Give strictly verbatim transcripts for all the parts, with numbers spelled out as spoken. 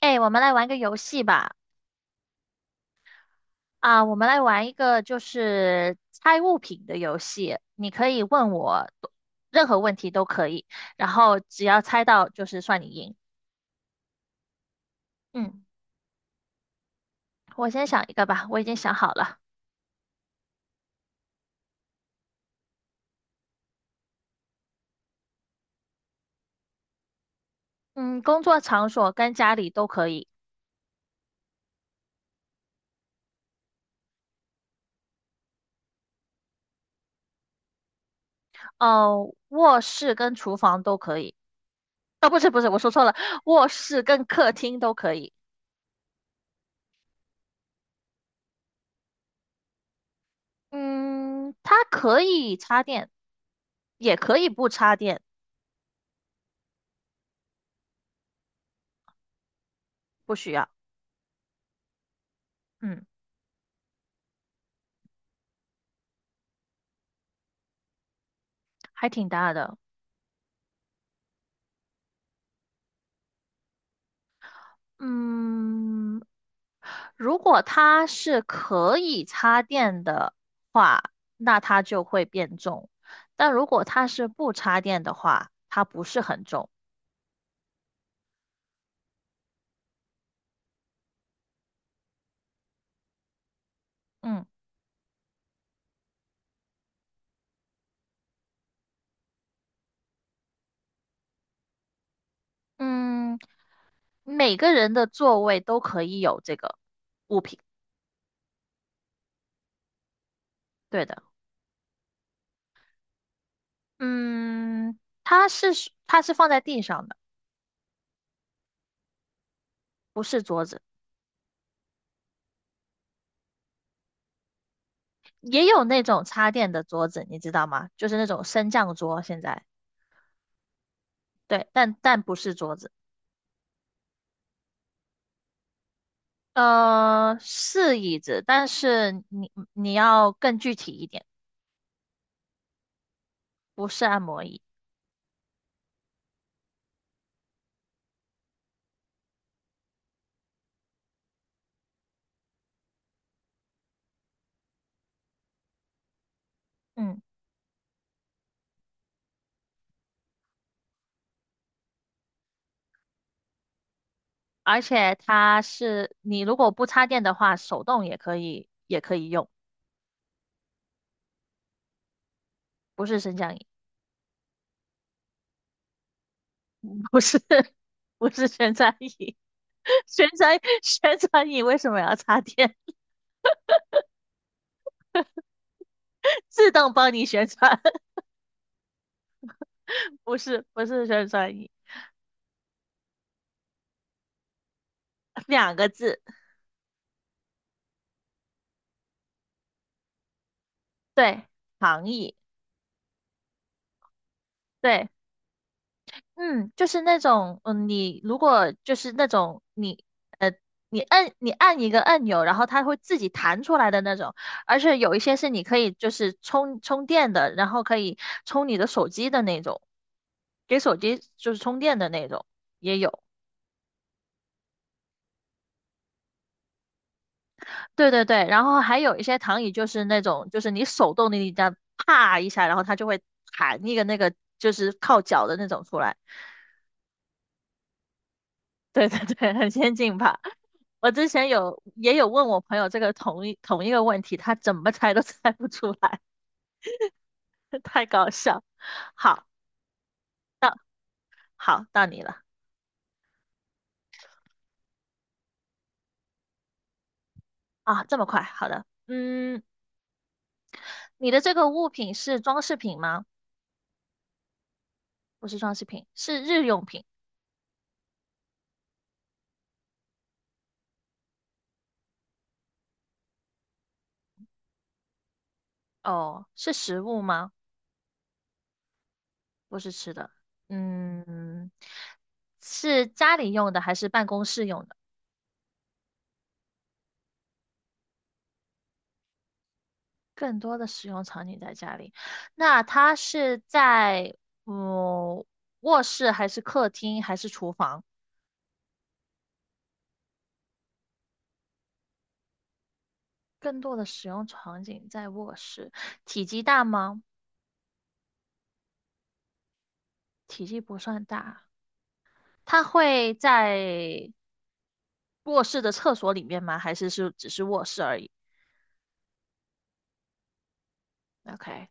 哎，我们来玩个游戏吧。啊，我们来玩一个就是猜物品的游戏。你可以问我多任何问题都可以，然后只要猜到就是算你赢。嗯，我先想一个吧，我已经想好了。嗯，工作场所跟家里都可以。哦，卧室跟厨房都可以。哦，不是不是，我说错了，卧室跟客厅都可以。嗯，它可以插电，也可以不插电。不需要。嗯，还挺大的。嗯，如果它是可以插电的话，那它就会变重；但如果它是不插电的话，它不是很重。嗯嗯，每个人的座位都可以有这个物品。对的。嗯，它是属它是放在地上的。不是桌子。也有那种插电的桌子，你知道吗？就是那种升降桌，现在对，但但不是桌子。呃，是椅子，但是你你要更具体一点。不是按摩椅。嗯，而且它是你如果不插电的话，手动也可以，也可以用。不是升降椅。不是不是旋转椅。旋转旋转椅为什么要插电？自动帮你旋转。不是不是旋转椅。两个字。对，躺椅，对。嗯，就是那种。嗯，你如果就是那种你，呃，你按你按一个按钮，然后它会自己弹出来的那种。而且有一些是你可以就是充充电的，然后可以充你的手机的那种，给手机就是充电的那种也有。对对对，然后还有一些躺椅就是那种，就是你手动的，你这样啪一下，然后它就会弹一个那个就是靠脚的那种出来。对 对对，很先进吧？我之前有也有问我朋友这个同一同一个问题，他怎么猜都猜不出来。太搞笑。好。好，到你了。啊，这么快，好的。嗯，你的这个物品是装饰品吗？不是装饰品，是日用品。哦，是食物吗？不是吃的。嗯，是家里用的还是办公室用的？更多的使用场景在家里，那它是在嗯卧室还是客厅还是厨房？更多的使用场景在卧室，体积大吗？体积不算大，它会在卧室的厕所里面吗？还是是只是卧室而已？OK。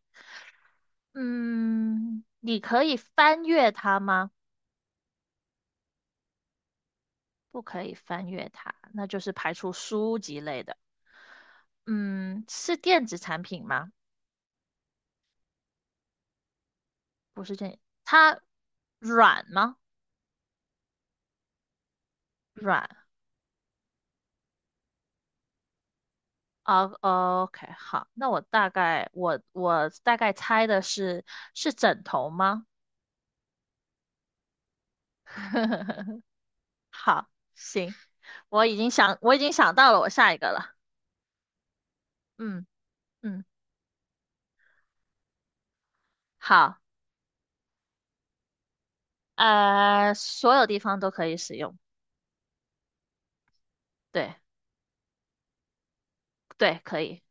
嗯，你可以翻阅它吗？不可以翻阅它，那就是排除书籍类的。嗯，是电子产品吗？不是这，它软吗？软啊，OK。好，那我大概我我大概猜的是，是枕头吗？好，行，我已经想我已经想到了我下一个了。嗯。嗯，好，呃，所有地方都可以使用。对对，可以。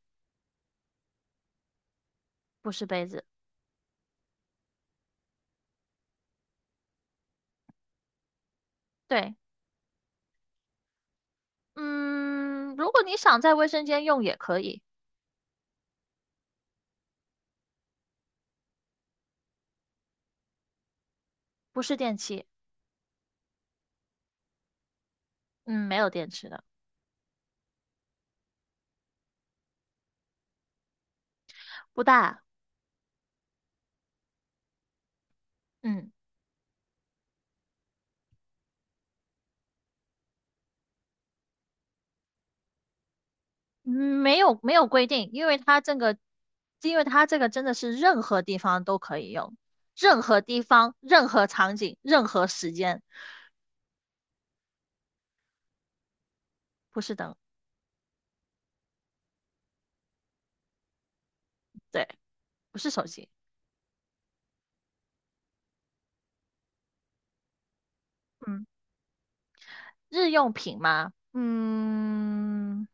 不是杯子。对。嗯，如果你想在卫生间用也可以。不是电器。嗯，没有电池的。不大。嗯。嗯，没有没有规定，因为它这个，因为它这个真的是任何地方都可以用，任何地方、任何场景、任何时间。不是灯。对，不是手机。嗯，日用品吗？嗯，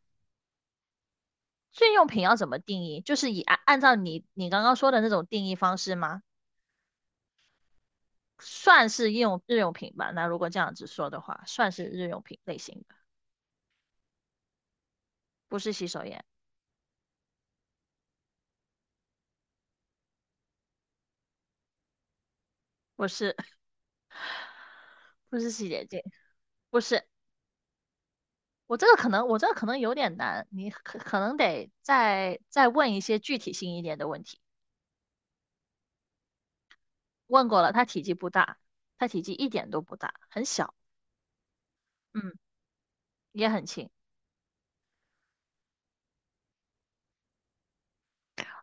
日用品要怎么定义？就是以按按照你你刚刚说的那种定义方式吗？算是日用日用品吧。那如果这样子说的话，算是日用品类型的。不是洗手液。不是。 不是洗洁精。不是。我这个可能，我这个可能有点难，你可可能得再再问一些具体性一点的问题。问过了，它体积不大，它体积一点都不大，很小。嗯，也很轻。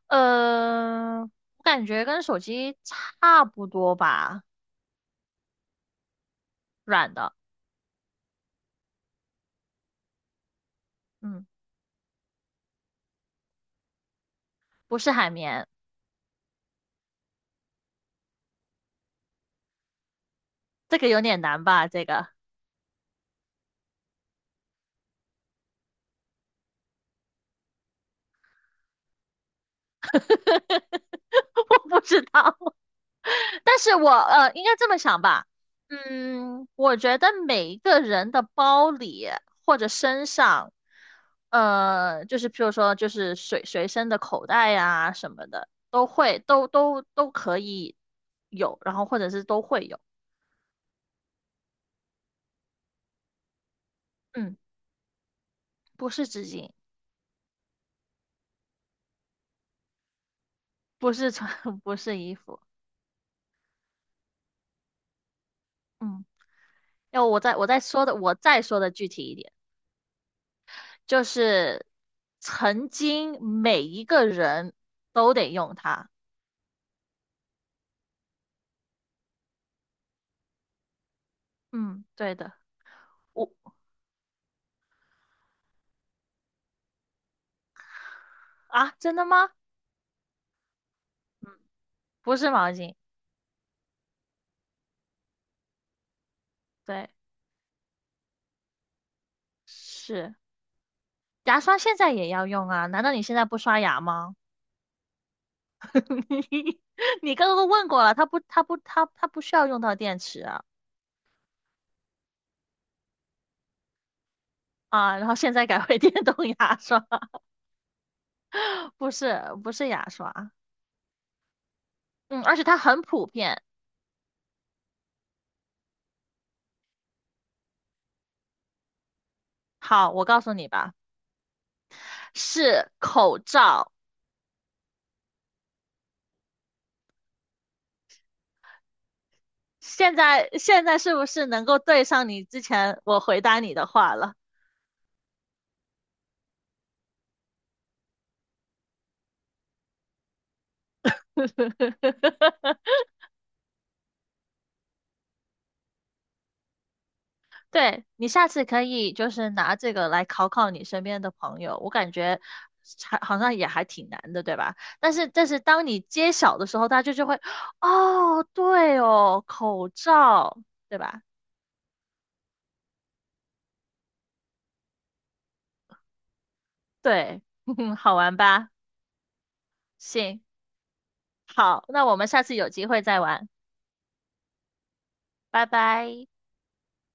呃，我感觉跟手机差不多吧。软的。嗯，不是海绵。这个有点难吧？这个 我不知道。但是我，呃，应该这么想吧。嗯，我觉得每一个人的包里或者身上，呃，就是譬如说，就是随随身的口袋呀、什么的，都会都都都可以有，然后或者是都会有。嗯，不是纸巾。不是穿。不是衣服。嗯，要我再我再说的，我再说的具体一点。就是曾经每一个人都得用它。嗯，对的。我。啊，真的吗？不是毛巾。对，是牙刷现在也要用啊？难道你现在不刷牙吗？你你刚刚都问过了，它不，它不，它它不需要用到电池啊。啊，然后现在改为电动牙刷。不是不是牙刷。嗯，而且它很普遍。好，我告诉你吧，是口罩。现在现在是不是能够对上你之前我回答你的话了？对，你下次可以就是拿这个来考考你身边的朋友，我感觉还好像也还挺难的，对吧？但是但是当你揭晓的时候，大家就会，哦，对哦，口罩，对吧？对。好玩吧？行。好，那我们下次有机会再玩。拜拜。